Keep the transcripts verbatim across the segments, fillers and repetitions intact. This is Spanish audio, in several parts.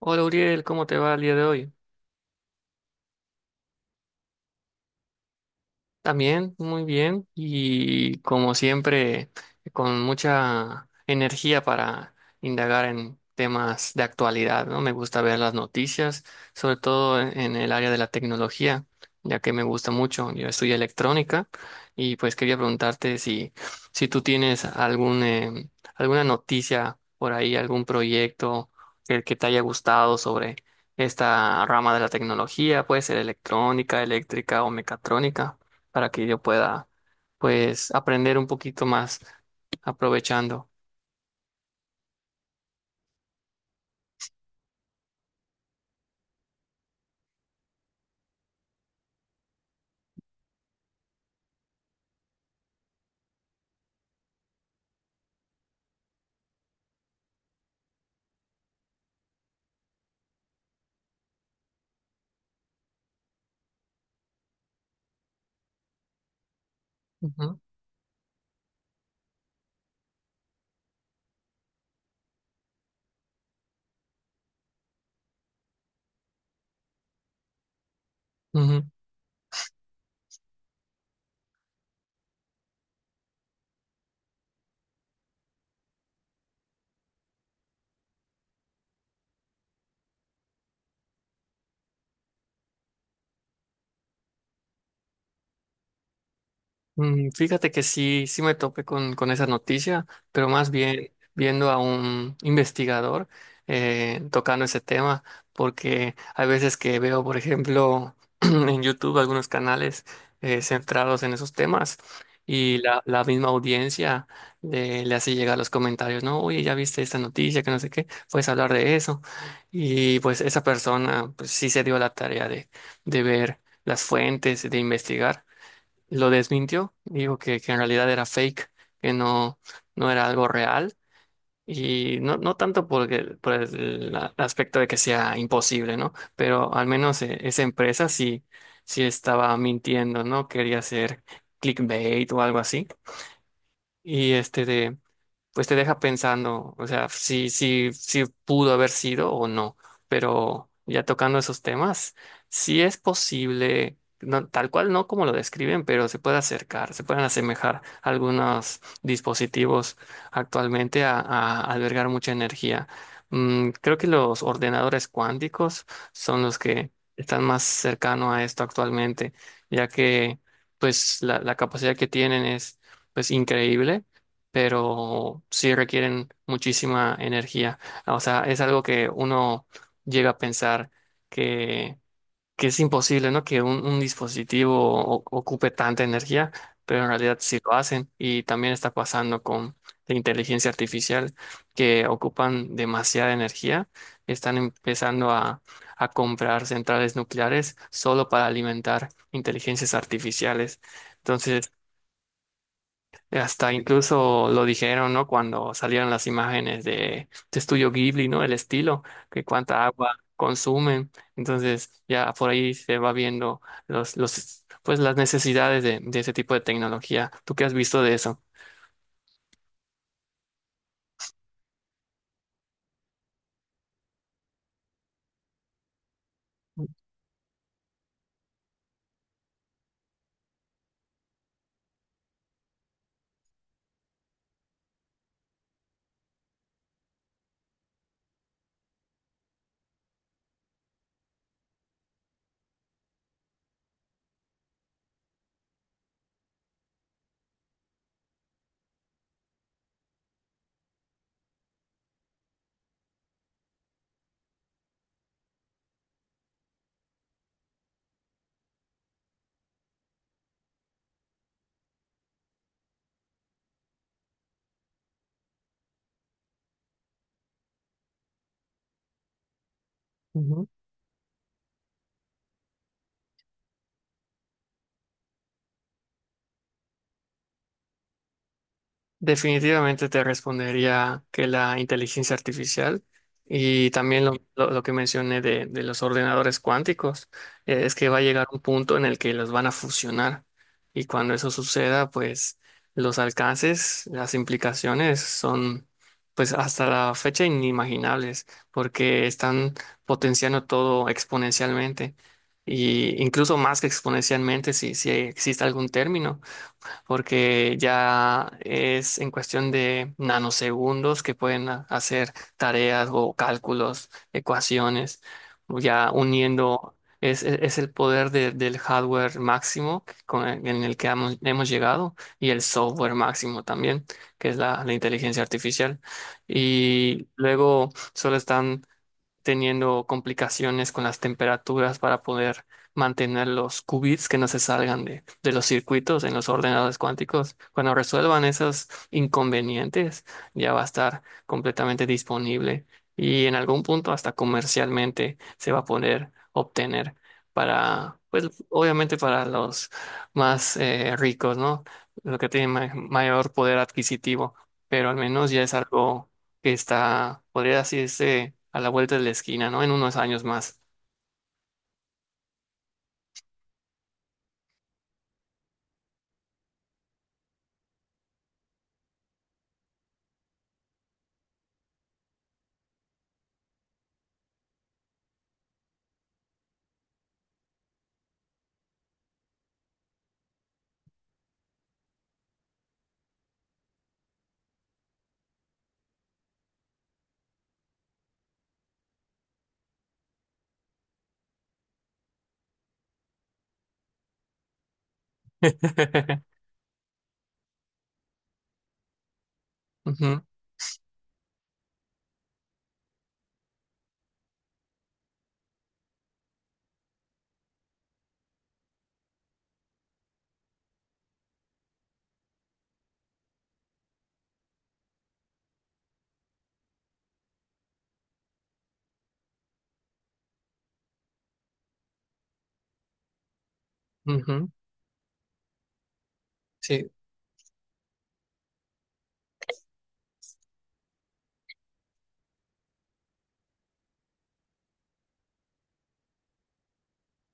Hola Uriel, ¿cómo te va el día de hoy? También, muy bien. Y como siempre, con mucha energía para indagar en temas de actualidad, ¿no? Me gusta ver las noticias, sobre todo en en el área de la tecnología, ya que me gusta mucho. Yo estudio electrónica y pues quería preguntarte si, si tú tienes algún, em, alguna noticia por ahí, algún proyecto que, que te haya gustado sobre esta rama de la tecnología, puede ser electrónica, eléctrica o mecatrónica para que yo pueda, pues, aprender un poquito más aprovechando. Ujú, ujú. Mm, Fíjate que sí, sí me topé con, con esa noticia, pero más bien viendo a un investigador eh, tocando ese tema, porque hay veces que veo, por ejemplo, en YouTube algunos canales eh, centrados en esos temas y la, la misma audiencia le, le hace llegar los comentarios, ¿no? Oye, ya viste esta noticia, que no sé qué, puedes hablar de eso. Y pues esa persona pues, sí se dio la tarea de, de ver las fuentes, de investigar, lo desmintió, dijo que, que en realidad era fake, que no, no era algo real, y no, no tanto porque, por el la- el aspecto de que sea imposible, ¿no? Pero al menos eh, esa empresa sí, sí estaba mintiendo, ¿no? Quería hacer clickbait o algo así. Y este de, pues te deja pensando, o sea, si, si, si pudo haber sido o no, pero ya tocando esos temas, sí es posible, no, tal cual no como lo describen, pero se puede acercar, se pueden asemejar algunos dispositivos actualmente a, a albergar mucha energía. Mm, creo que los ordenadores cuánticos son los que están más cercanos a esto actualmente, ya que pues la, la capacidad que tienen es pues increíble, pero sí requieren muchísima energía. Ah, O sea, es algo que uno llega a pensar que, que es imposible, ¿no? Que un, un dispositivo o- ocupe tanta energía, pero en realidad sí lo hacen. Y también está pasando con la inteligencia artificial, que ocupan demasiada energía. Están empezando a, a comprar centrales nucleares solo para alimentar inteligencias artificiales. Entonces, hasta incluso lo dijeron, ¿no? Cuando salieron las imágenes de, de Estudio Ghibli, ¿no? El estilo, que cuánta agua consumen. Entonces, ya por ahí se va viendo los, los, pues las necesidades de, de ese tipo de tecnología. ¿Tú qué has visto de eso? Definitivamente te respondería que la inteligencia artificial y también lo, lo- lo que mencioné de, de los ordenadores cuánticos, eh, es que va a llegar un punto en el que los van a fusionar, y cuando eso suceda, pues los alcances, las implicaciones son pues hasta la fecha inimaginables porque están potenciando todo exponencialmente, y incluso más que exponencialmente, si, si existe algún término, porque ya es en cuestión de nanosegundos que pueden a- hacer tareas o cálculos, ecuaciones, ya uniendo, es, es- es el poder de- del hardware máximo con el- en el que hemos, hemos llegado, y el software máximo también, que es la, la inteligencia artificial. Y luego solo están teniendo complicaciones con las temperaturas para poder mantener los qubits que no se salgan de, de los circuitos en los ordenadores cuánticos. Cuando resuelvan esos inconvenientes, ya va a estar completamente disponible, y en algún punto hasta comercialmente se va a poder obtener para, pues obviamente para los más eh, ricos, ¿no? Los que tienen ma- mayor poder adquisitivo, pero al menos ya es algo que está, podría decirse, a la vuelta de la esquina, ¿no? En unos años más. Ujú, ujú. Sí,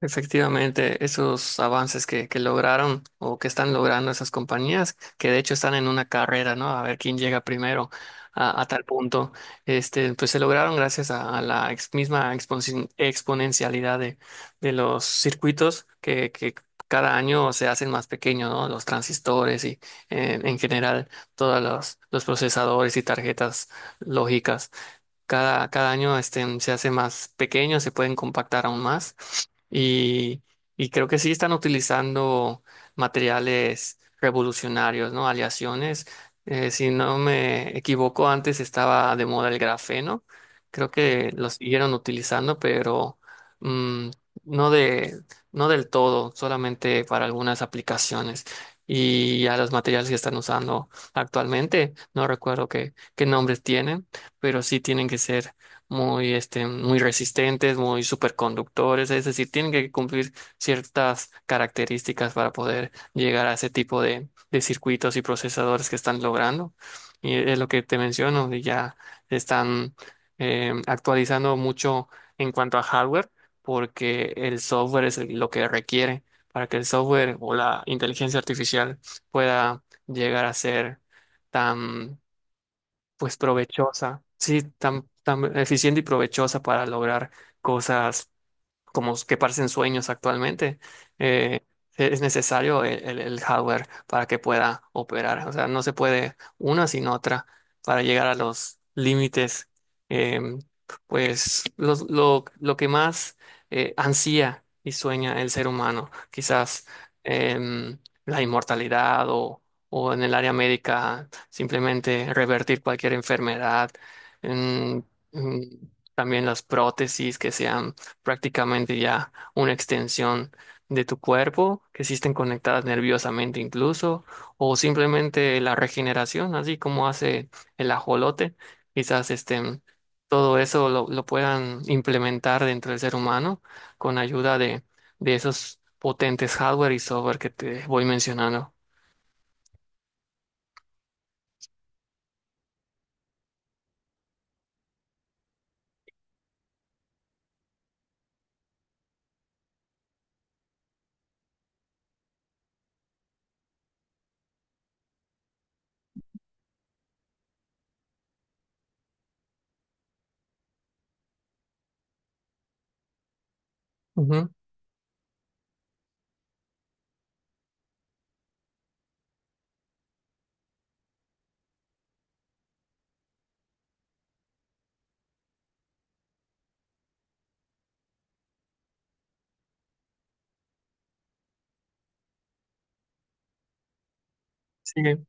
efectivamente, esos avances que, que lograron o que están logrando esas compañías, que de hecho están en una carrera, ¿no? A ver quién llega primero a, a tal punto, este, pues se lograron gracias a, a la ex- misma expon- exponencialidad de, de los circuitos que, que cada año se hacen más pequeños, ¿no? Los transistores y eh, en general todos los, los procesadores y tarjetas lógicas. Cada, cada año este, se hace más pequeño, se pueden compactar aún más. Y, y creo que sí están utilizando materiales revolucionarios, ¿no? Aleaciones. Eh, si no me equivoco, antes estaba de moda el grafeno. Creo que lo siguieron utilizando, pero mm, no de, no del todo, solamente para algunas aplicaciones. Y a los materiales que están usando actualmente, no recuerdo qué, qué nombres tienen, pero sí tienen que ser muy, este, muy resistentes, muy superconductores, es decir, tienen que cumplir ciertas características para poder llegar a ese tipo de, de circuitos y procesadores que están logrando. Y es lo que te menciono, y ya están eh, actualizando mucho en cuanto a hardware, porque el software es el- lo que requiere para que el software o la inteligencia artificial pueda llegar a ser tan, pues provechosa, sí, tan, tan eficiente y provechosa para lograr cosas como que parecen sueños actualmente, eh, es necesario el, el- el hardware para que pueda operar. O sea, no se puede una sin otra para llegar a los límites. eh, pues los- lo, lo que más eh, ansía y sueña el ser humano, quizás em, la inmortalidad o, o en el área médica simplemente revertir cualquier enfermedad. em, em, también las prótesis que sean prácticamente ya una extensión de tu cuerpo, que existen conectadas nerviosamente incluso, o simplemente la regeneración, así como hace el ajolote, quizás estén, todo eso lo, lo puedan implementar dentro del ser humano con ayuda de, de esos potentes hardware y software que te voy mencionando. Ujú, sí.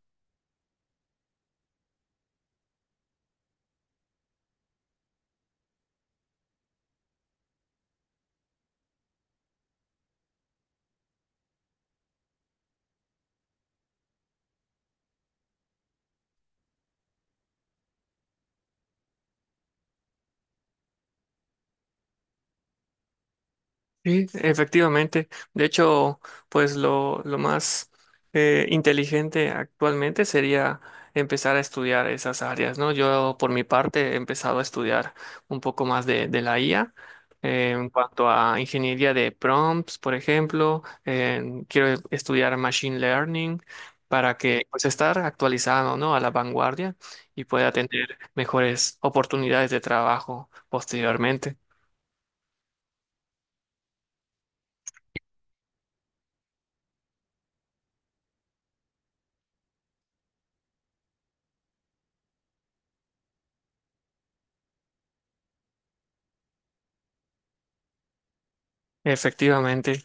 Sí, efectivamente. De hecho, pues lo, lo más eh, inteligente actualmente sería empezar a estudiar esas áreas, ¿no? Yo, por mi parte, he empezado a estudiar un poco más de, de la I A eh, en cuanto a ingeniería de prompts, por ejemplo. En- quiero e, estudiar Machine Learning para que, pues, estar actualizado, ¿no? A la vanguardia, y pueda tener mejores oportunidades de trabajo posteriormente. Efectivamente.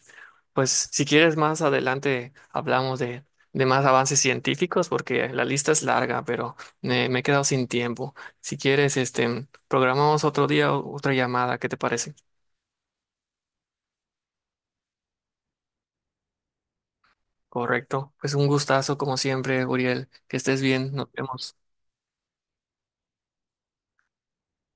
Pues si quieres más adelante hablamos de, de más avances científicos porque la lista es larga, pero me, me he quedado sin tiempo. Si quieres, este, programamos otro día o- otra llamada, ¿qué te parece? Correcto. Pues un gustazo como siempre, Uriel. Que estés bien. Nos vemos.